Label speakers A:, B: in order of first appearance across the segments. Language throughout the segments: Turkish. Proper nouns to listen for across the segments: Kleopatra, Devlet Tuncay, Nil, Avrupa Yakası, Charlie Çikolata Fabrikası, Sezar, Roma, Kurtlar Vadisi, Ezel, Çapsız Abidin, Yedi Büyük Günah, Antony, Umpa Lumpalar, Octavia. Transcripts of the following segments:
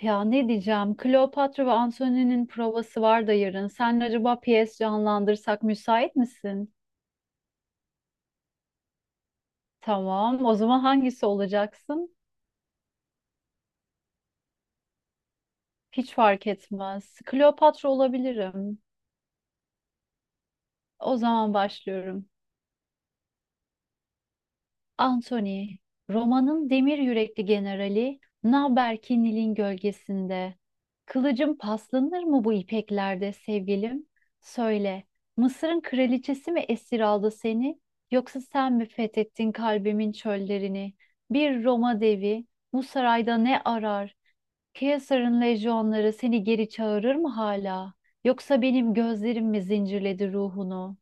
A: Ya ne diyeceğim? Kleopatra ve Antony'nin provası var da yarın. Sen acaba piyes canlandırsak müsait misin? Tamam. O zaman hangisi olacaksın? Hiç fark etmez. Kleopatra olabilirim. O zaman başlıyorum. Anthony, romanın demir yürekli generali, naber ki Nil'in gölgesinde? Kılıcım paslanır mı bu ipeklerde sevgilim? Söyle, Mısır'ın kraliçesi mi esir aldı seni, yoksa sen mi fethettin kalbimin çöllerini? Bir Roma devi bu sarayda ne arar? Kaysar'ın lejyonları seni geri çağırır mı hala? Yoksa benim gözlerim mi zincirledi ruhunu?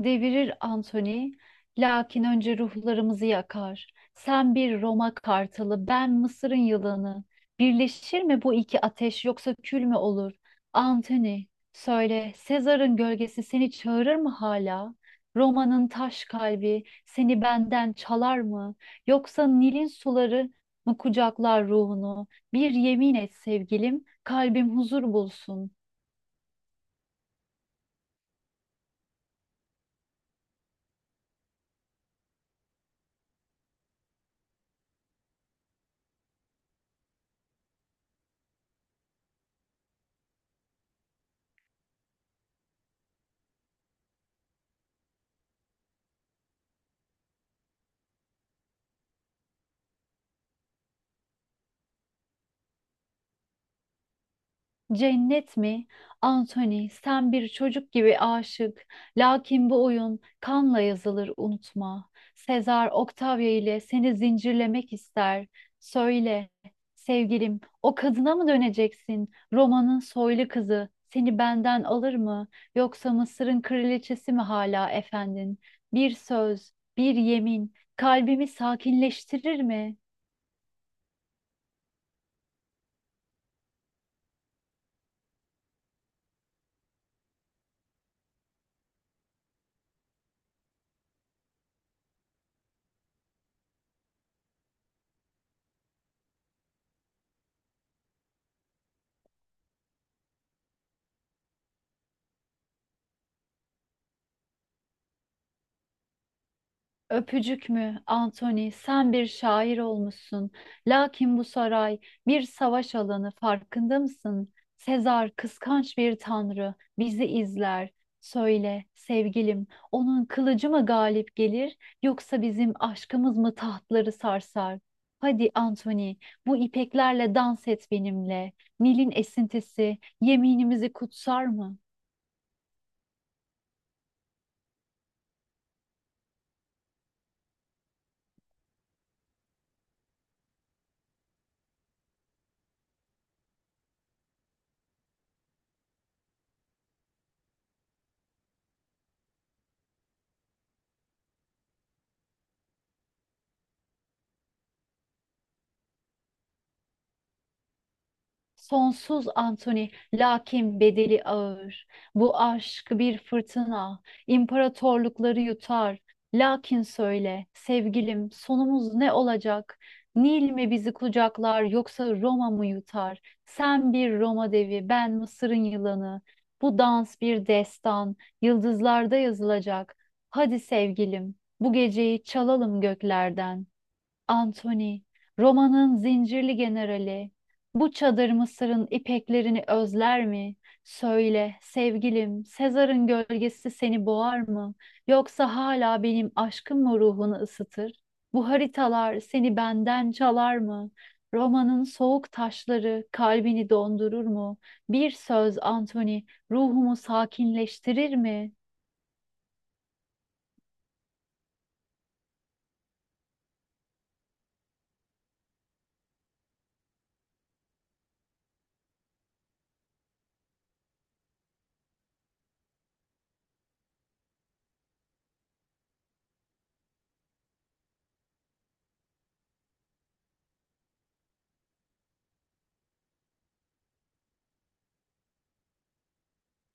A: Devirir Anthony, lakin önce ruhlarımızı yakar. Sen bir Roma kartalı, ben Mısır'ın yılanı. Birleşir mi bu iki ateş yoksa kül mü olur? Anthony, söyle, Sezar'ın gölgesi seni çağırır mı hala? Roma'nın taş kalbi seni benden çalar mı? Yoksa Nil'in suları mı kucaklar ruhunu? Bir yemin et sevgilim, kalbim huzur bulsun. Cennet mi? Anthony, sen bir çocuk gibi aşık. Lakin bu oyun kanla yazılır, unutma. Sezar Octavia ile seni zincirlemek ister. Söyle, sevgilim, o kadına mı döneceksin? Roma'nın soylu kızı seni benden alır mı? Yoksa Mısır'ın kraliçesi mi hala efendin? Bir söz, bir yemin kalbimi sakinleştirir mi? Öpücük mü, Anthony, sen bir şair olmuşsun. Lakin bu saray bir savaş alanı, farkında mısın? Sezar kıskanç bir tanrı, bizi izler. Söyle sevgilim, onun kılıcı mı galip gelir, yoksa bizim aşkımız mı tahtları sarsar? Hadi Anthony, bu ipeklerle dans et benimle. Nil'in esintisi yeminimizi kutsar mı? Sonsuz Antoni, lakin bedeli ağır. Bu aşk bir fırtına, imparatorlukları yutar. Lakin söyle, sevgilim, sonumuz ne olacak? Nil mi bizi kucaklar, yoksa Roma mı yutar? Sen bir Roma devi, ben Mısır'ın yılanı. Bu dans bir destan, yıldızlarda yazılacak. Hadi sevgilim, bu geceyi çalalım göklerden. Antony, Roma'nın zincirli generali, bu çadır Mısır'ın ipeklerini özler mi? Söyle sevgilim, Sezar'ın gölgesi seni boğar mı? Yoksa hala benim aşkım mı ruhunu ısıtır? Bu haritalar seni benden çalar mı? Roma'nın soğuk taşları kalbini dondurur mu? Bir söz Antony, ruhumu sakinleştirir mi?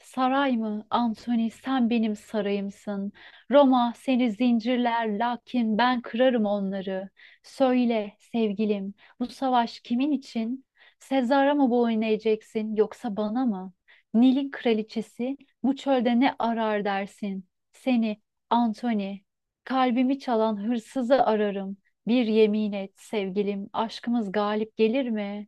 A: Saray mı? Antoni sen benim sarayımsın. Roma seni zincirler, lakin ben kırarım onları. Söyle sevgilim, bu savaş kimin için? Sezar'a mı boyun eğeceksin yoksa bana mı? Nil'in kraliçesi bu çölde ne arar dersin? Seni Antoni, kalbimi çalan hırsızı ararım. Bir yemin et sevgilim, aşkımız galip gelir mi?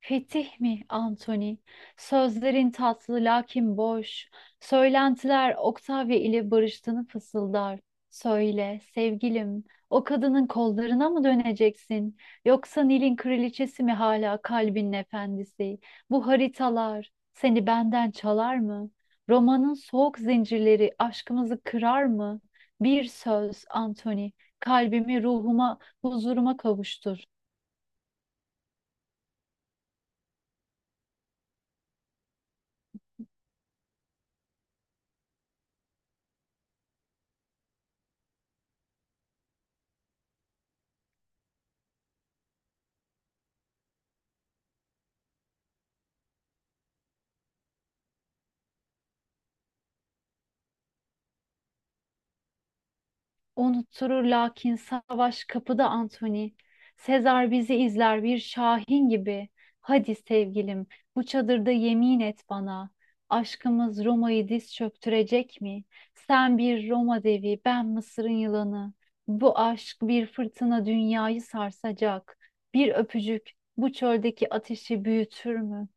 A: Fetih mi Antoni? Sözlerin tatlı lakin boş. Söylentiler Octavia ile barıştığını fısıldar. Söyle sevgilim, o kadının kollarına mı döneceksin? Yoksa Nil'in kraliçesi mi hala kalbinin efendisi? Bu haritalar seni benden çalar mı? Romanın soğuk zincirleri aşkımızı kırar mı? Bir söz Antoni, kalbimi ruhuma, huzuruma kavuştur. Unutturur, lakin savaş kapıda Anthony. Sezar bizi izler bir şahin gibi. Hadi sevgilim, bu çadırda yemin et bana. Aşkımız Roma'yı diz çöktürecek mi? Sen bir Roma devi, ben Mısır'ın yılanı. Bu aşk bir fırtına, dünyayı sarsacak. Bir öpücük bu çöldeki ateşi büyütür mü?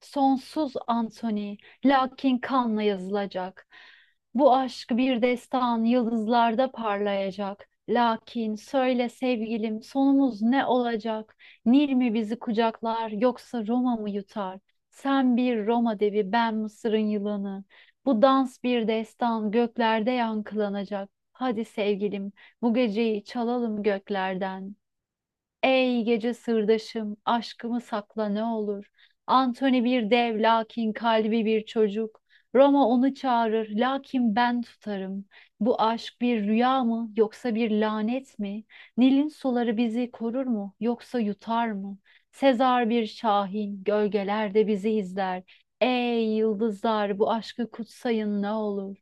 A: Sonsuz Anthony, lakin kanla yazılacak. Bu aşk bir destan, yıldızlarda parlayacak. Lakin söyle sevgilim, sonumuz ne olacak? Nil mi bizi kucaklar yoksa Roma mı yutar? Sen bir Roma devi, ben Mısır'ın yılanı. Bu dans bir destan, göklerde yankılanacak. Hadi sevgilim, bu geceyi çalalım göklerden. Ey gece sırdaşım, aşkımı sakla ne olur. Antoni bir dev, lakin kalbi bir çocuk. Roma onu çağırır, lakin ben tutarım. Bu aşk bir rüya mı, yoksa bir lanet mi? Nil'in suları bizi korur mu, yoksa yutar mı? Sezar bir şahin, gölgelerde bizi izler. Ey yıldızlar, bu aşkı kutsayın ne olur.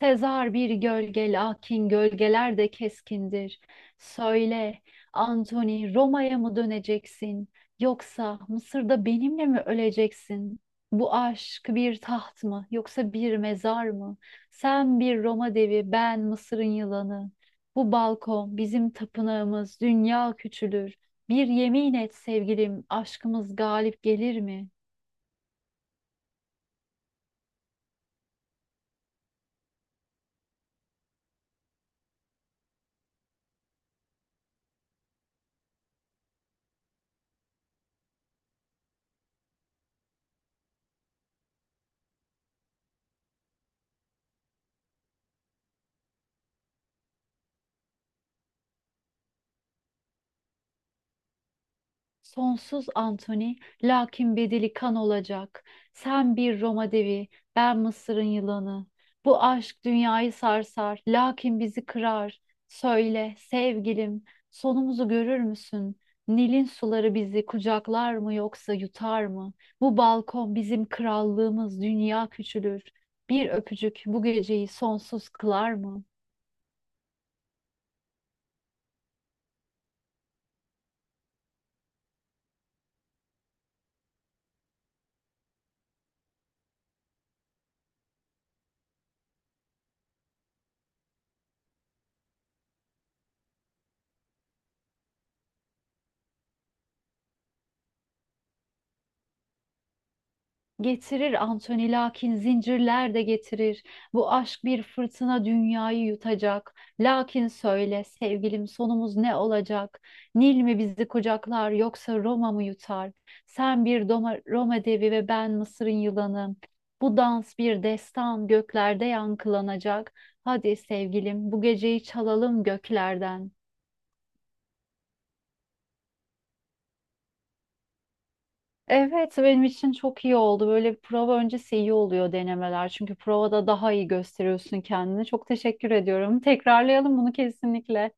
A: Sezar bir gölge, lakin gölgeler de keskindir. Söyle, Antoni, Roma'ya mı döneceksin yoksa Mısır'da benimle mi öleceksin? Bu aşk bir taht mı, yoksa bir mezar mı? Sen bir Roma devi, ben Mısır'ın yılanı. Bu balkon bizim tapınağımız, dünya küçülür. Bir yemin et sevgilim, aşkımız galip gelir mi? Sonsuz Antoni, lakin bedeli kan olacak. Sen bir Roma devi, ben Mısır'ın yılanı. Bu aşk dünyayı sarsar, lakin bizi kırar. Söyle sevgilim, sonumuzu görür müsün? Nil'in suları bizi kucaklar mı yoksa yutar mı? Bu balkon bizim krallığımız, dünya küçülür. Bir öpücük bu geceyi sonsuz kılar mı? Getirir Anthony, lakin zincirler de getirir. Bu aşk bir fırtına, dünyayı yutacak. Lakin söyle sevgilim, sonumuz ne olacak? Nil mi bizi kucaklar yoksa Roma mı yutar? Sen bir Roma devi ve ben Mısır'ın yılanı. Bu dans bir destan, göklerde yankılanacak. Hadi sevgilim, bu geceyi çalalım göklerden. Evet, benim için çok iyi oldu. Böyle bir prova öncesi iyi oluyor denemeler. Çünkü provada daha iyi gösteriyorsun kendini. Çok teşekkür ediyorum. Tekrarlayalım bunu kesinlikle.